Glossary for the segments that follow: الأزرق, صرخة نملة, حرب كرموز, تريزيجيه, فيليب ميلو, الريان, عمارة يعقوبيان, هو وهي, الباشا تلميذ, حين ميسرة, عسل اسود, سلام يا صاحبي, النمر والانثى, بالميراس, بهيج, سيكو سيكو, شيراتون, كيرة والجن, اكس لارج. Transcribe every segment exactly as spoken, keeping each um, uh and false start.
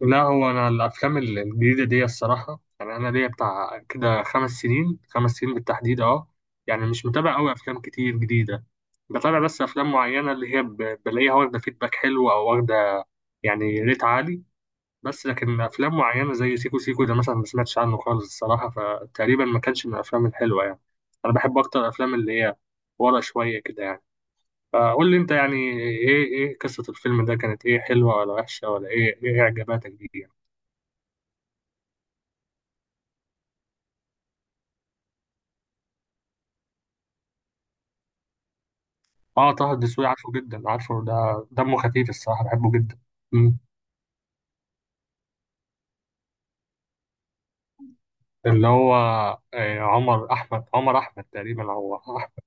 لا، هو انا الافلام ال- الجديده دي الصراحه، يعني انا ليا بتاع كده خمس سنين، خمس سنين بالتحديد. اه، يعني مش متابع قوي افلام كتير جديده. بتابع بس افلام معينه اللي هي ب- بلاقيها واخده فيدباك حلو او واخده يعني ريت عالي. بس لكن افلام معينه زي سيكو سيكو ده مثلا ما سمعتش عنه خالص الصراحه، فتقريبا ما كانش من الافلام الحلوه يعني. انا بحب اكتر الافلام اللي هي ورا شويه كده يعني. فقول لي انت يعني، ايه ايه قصه الفيلم ده كانت ايه؟ حلوه ولا وحشه؟ ولا ايه ايه اعجاباتك بيه؟ اه، طه الدسوقي عارفه جدا، عارفه ده، دمه خفيف الصراحه، بحبه جدا. مم. اللي هو آه، عمر احمد عمر احمد تقريبا، هو احمد.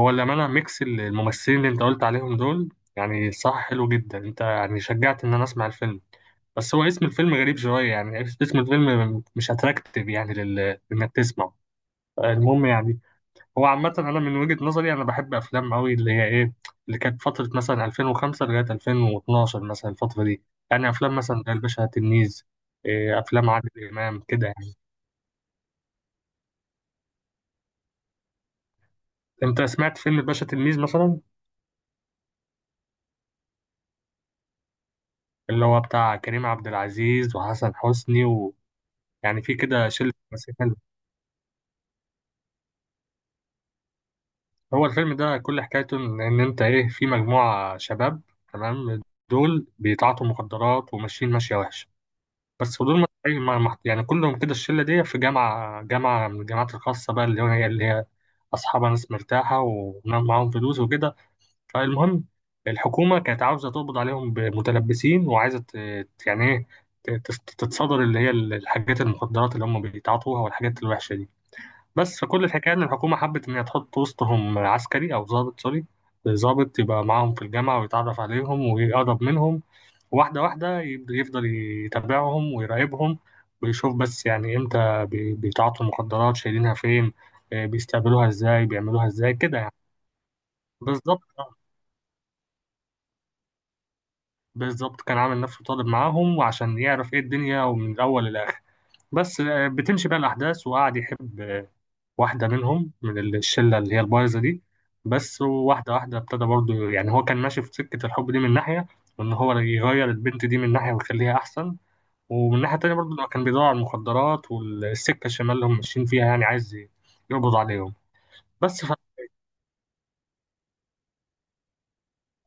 هو اللي عملها ميكس الممثلين اللي انت قلت عليهم دول يعني. صح، حلو جدا، انت يعني شجعت ان انا اسمع الفيلم. بس هو اسم الفيلم غريب شويه، يعني اسم الفيلم مش اتراكتيف، يعني لل- انك تسمعه. المهم يعني، هو عامة أنا من وجهة نظري أنا بحب أفلام أوي اللي هي إيه، اللي كانت فترة مثلا ألفين و خمسة لغاية ألفين واثنا عشر مثلا، الفترة دي. يعني أفلام مثلا زي الباشا تلميذ، إيه، أفلام عادل إمام كده يعني. أنت سمعت فيلم الباشا تلميذ مثلا؟ اللي هو بتاع كريم عبد العزيز وحسن حسني، ويعني في كده شلة ممثلين حلو. هو الفيلم ده كل حكايته إن إن أنت إيه، في مجموعة شباب، تمام، دول بيتعاطوا مخدرات وماشيين ماشية وحشة. بس ودول مدفوعين، ما- ما- يعني كلهم كده، الشله دي في جامعه جامعه من الجامعات الخاصه بقى، اللي هي اللي هي، اصحابها ناس مرتاحه ومعاهم فلوس وكده. فالمهم، الحكومه كانت عاوزه تقبض عليهم بمتلبسين وعايزه ت- يعني ايه، ت- تت- تتصدر اللي هي الحاجات المخدرات اللي هم بيتعاطوها والحاجات الوحشه دي. بس فكل الحكايه ان الحكومه حبت ان هي تحط وسطهم عسكري او ضابط سوري، ضابط يبقى معاهم في الجامعه ويتعرف عليهم ويقرب منهم واحدة واحدة. يبدأ يفضل يتابعهم ويراقبهم ويشوف بس يعني امتى بي- بيتعاطوا المخدرات، شايلينها فين، آه، بيستقبلوها ازاي، بيعملوها ازاي كده يعني. بالظبط، بالظبط كان عامل نفسه طالب معاهم، وعشان يعرف ايه الدنيا ومن الأول للآخر. بس آه، بتمشي بقى الأحداث، وقعد يحب آه، واحدة منهم من الشلة اللي هي البايظة دي. بس واحدة واحدة ابتدى برضه، يعني هو كان ماشي في سكة الحب دي من ناحية، وإن هو يغير البنت دي من ناحية ويخليها أحسن. ومن الناحية التانية برضه، لما كان بيدور على المخدرات والسكة الشمال اللي هم ماشيين فيها، يعني عايز ي- يقبض عليهم. بس ف-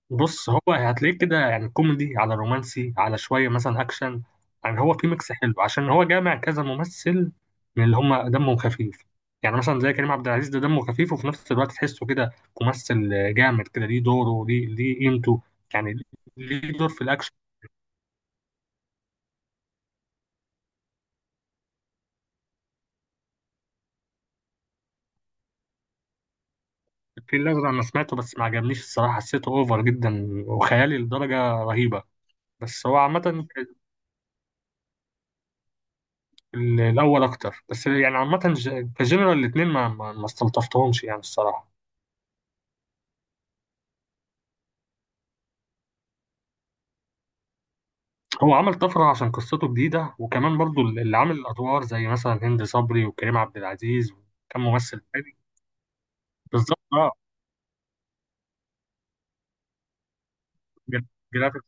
بص، هو هتلاقيه كده يعني كوميدي على رومانسي على شوية مثلا أكشن. يعني هو في ميكس حلو عشان هو جامع كذا ممثل من اللي هم دمهم خفيف. يعني مثلا زي كريم عبد العزيز، ده دمه خفيف وفي نفس الوقت تحسه كده ممثل جامد، كده ليه دوره، ليه، ليه قيمته يعني، ليه دور في الأكشن. في الأزرق أنا سمعته بس ما عجبنيش الصراحة، حسيته أوفر جدا وخيالي لدرجة رهيبة. بس هو عامة ال- ال- الأول أكتر. بس يعني عامة ج- كجنرال الاتنين ما ما ما استلطفتهمش يعني الصراحة. هو عمل طفرة عشان قصته جديدة، وكمان برضو اللي عامل الأدوار زي مثلا هند صبري وكريم عبد العزيز وكم ممثل تاني. بالظبط اه. جرافيك،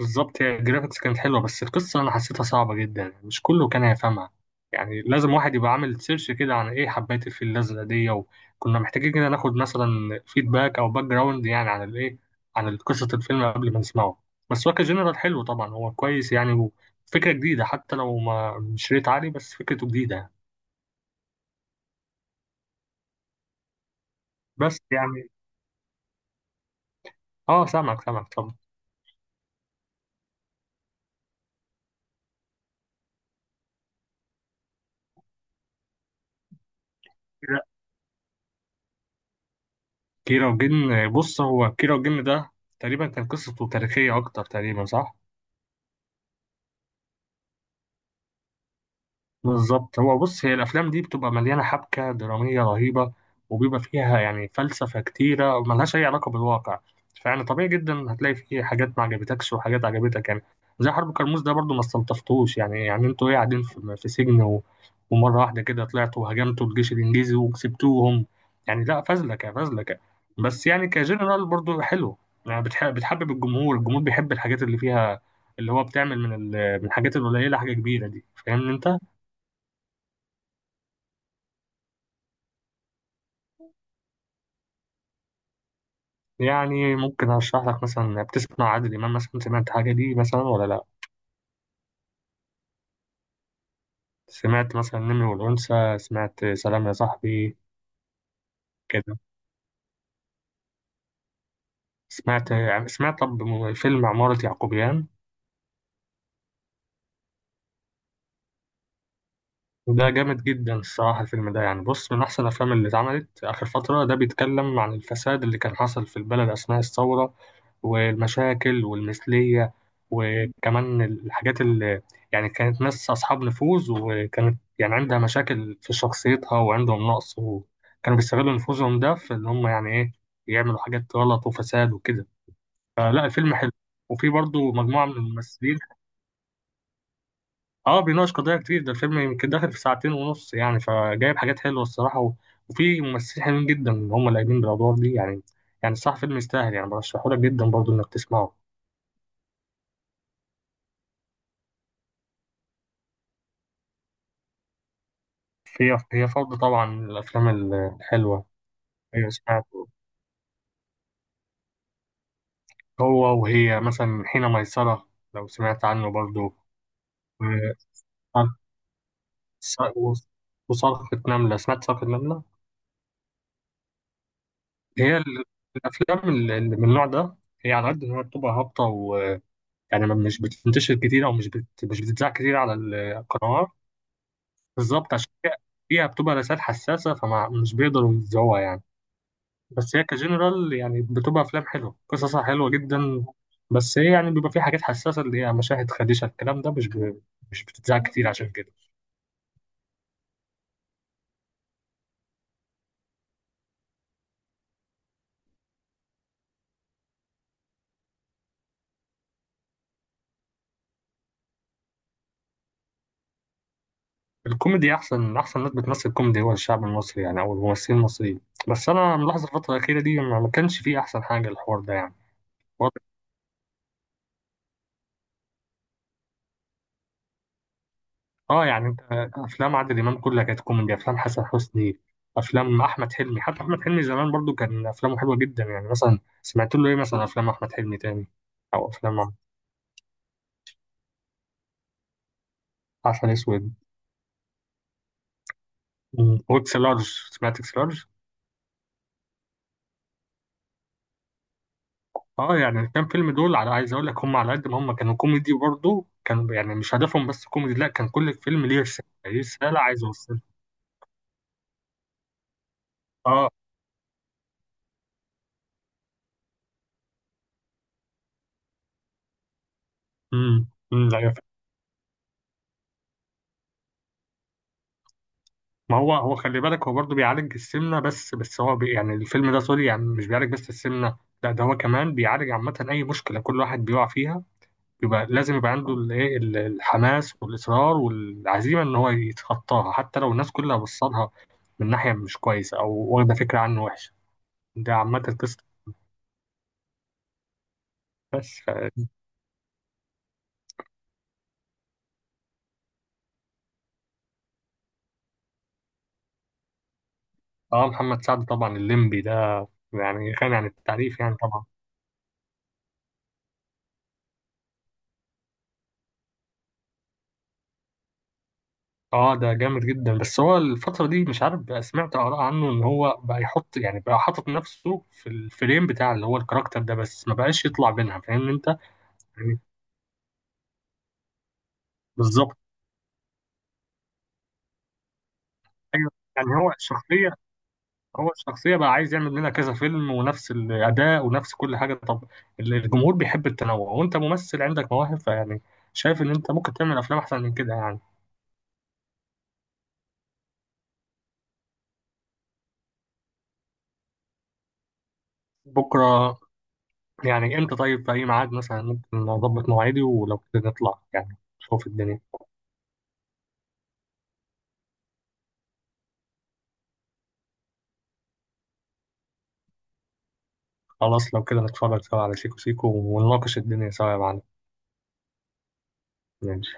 بالظبط، هي الجرافيكس كانت حلوة، بس القصة أنا حسيتها صعبة جدا يعني، مش كله كان هيفهمها. يعني لازم واحد يبقى عامل سيرش كده عن إيه حبات الفيل الأزرق دي، وكنا محتاجين كده ناخد مثلا فيدباك أو باك جراوند يعني عن الإيه، عن قصة الفيلم قبل ما نسمعه. بس هو كجنرال حلو طبعا، هو كويس يعني، وفكرة جديدة حتى لو ما مش ريت عالي، بس فكرته جديدة. بس يعني آه، سامعك، سامعك طبعا. كيرة، كيرة والجن، بص، هو كيرة والجن ده تقريبا كان قصته تاريخية أكتر تقريبا، صح؟ بالظبط، هو بص، هي الافلام دي بتبقى مليانه حبكه دراميه رهيبه، وبيبقى فيها يعني فلسفه كتيره ملهاش اي علاقه بالواقع. فيعني طبيعي جدا هتلاقي فيه حاجات ما عجبتكش وحاجات عجبتك يعني. زي حرب كرموز ده برضو ما استلطفتوش، يعني يعني انتوا ايه؟ قاعدين في, في سجن، و... ومره واحده كده طلعتوا وهجمتوا الجيش الانجليزي وكسبتوهم يعني. لا، فازلكه فازلكه. بس يعني كجنرال برضو حلو، يعني بتح... بتحبب الجمهور، الجمهور بيحب الحاجات اللي فيها، اللي هو بتعمل من ال... من الحاجات القليله حاجه كبيره دي، فاهمني انت. يعني ممكن اشرح لك مثلا، بتسمع عادل امام مثلا؟ سمعت حاجه دي مثلا ولا لا؟ سمعت مثلا النمر والانثى؟ سمعت سلام يا صاحبي؟ كده، سمعت يعني، سمعت طب م- فيلم عمارة يعقوبيان؟ وده جامد جدا الصراحه، الفيلم ده يعني بص، من احسن الافلام اللي اتعملت اخر فتره. ده بيتكلم عن الفساد اللي كان حصل في البلد اثناء الثوره، والمشاكل والمثلية، وكمان الحاجات اللي، يعني كانت ناس أصحاب نفوذ، وكانت يعني عندها مشاكل في شخصيتها وعندهم نقص، وكانوا بيستغلوا نفوذهم ده في إن هم يعني إيه، يعملوا حاجات غلط وفساد وكده. فلا، الفيلم حلو، وفي برضه مجموعة من الممثلين. اه بيناقش قضايا كتير، ده الفيلم يمكن داخل في ساعتين ونص يعني، فجايب حاجات حلوة الصراحة، و- وفي ممثلين حلوين جدا هم اللي قايمين بالأدوار دي يعني. يعني الصراحة فيلم يستاهل يعني، برشحهولك جدا برضه إنك تسمعه. هي، هي فرض طبعا من الأفلام ال- الحلوة. أيوة سمعت. هو وهي مثلا، حين ميسرة لو سمعت عنه برضو. و- وص- وصرخة نملة، سمعت صرخة نملة؟ هي ال- الأفلام ال- اللي من النوع ده، هي على قد إن هي بتبقى هابطة ويعني، مش بتنتشر كتير أو مش بت... مش بتتذاع كتير على القنوات. بالظبط عشان فيها، فيها بتبقى رسائل حساسة فمش بيقدروا يذاعوها يعني. بس هي كجنرال يعني بتبقى افلام حلوه، قصصها حلوه جدا. بس هي يعني بيبقى في حاجات حساسه اللي هي مشاهد خديشه، الكلام ده مش ب... مش بتتذاع كتير عشان كده. الكوميدي احسن، احسن ناس بتمثل كوميدي هو الشعب المصري يعني، او الممثلين المصريين. بس انا ملاحظ الفتره الاخيره دي ما ما كانش فيه احسن حاجه الحوار ده يعني. واضح. اه يعني انت، افلام عادل امام كلها كانت كوميدي، افلام حسن حسني، افلام احمد حلمي. حتى احمد حلمي زمان برضو كان افلامه حلوه جدا. يعني مثلا سمعت له ايه مثلا؟ افلام احمد حلمي تاني، او افلام عسل اسود واكس لارج، سمعت اكس لارج؟ اه، يعني الكام فيلم دول، على، عايز اقول لك هم على قد ما هم كانوا كوميدي، برضه كانوا يعني مش هدفهم بس كوميدي، لا، كان كل فيلم ليه رساله، ليه رساله عايز اوصلها. اه، امم أمم، لا يا فندم. ما هو، هو خلي بالك، هو برضه بيعالج السمنه، بس بس هو بي يعني الفيلم ده سوري يعني مش بيعالج بس السمنه، لا، ده هو كمان بيعالج عامه اي مشكله كل واحد بيقع فيها. يبقى لازم يبقى عنده الايه ال- الحماس والاصرار والعزيمه ان هو يتخطاها حتى لو الناس كلها بصلها من ناحيه مش كويسه او واخده فكره عنه وحشه. ده عامه القصه. بس ف... اه، محمد سعد طبعا، الليمبي ده، يعني غني عن التعريف يعني طبعا. اه ده جامد جدا. بس هو الفتره دي مش عارف، بقى سمعت اراء عنه ان هو بقى يحط يعني، بقى حاطط نفسه في الفريم بتاع اللي هو الكاركتر ده، بس ما بقاش يطلع منها، فاهم انت؟ يعني بالظبط. ايوه يعني، هو الشخصيه، هو الشخصية بقى عايز يعمل منها كذا فيلم ونفس الأداء ونفس كل حاجة. طب ال- الجمهور بيحب التنوع، وأنت ممثل عندك مواهب، فيعني شايف إن أنت ممكن تعمل أفلام أحسن من كده يعني. بكرة يعني إمتى طيب؟ في أي ميعاد مثلا ممكن أظبط مواعيدي، ولو كده نطلع يعني نشوف الدنيا. خلاص، لو كده نتفرج سوا على سيكو سيكو ونناقش الدنيا سوا يا معلم. ماشي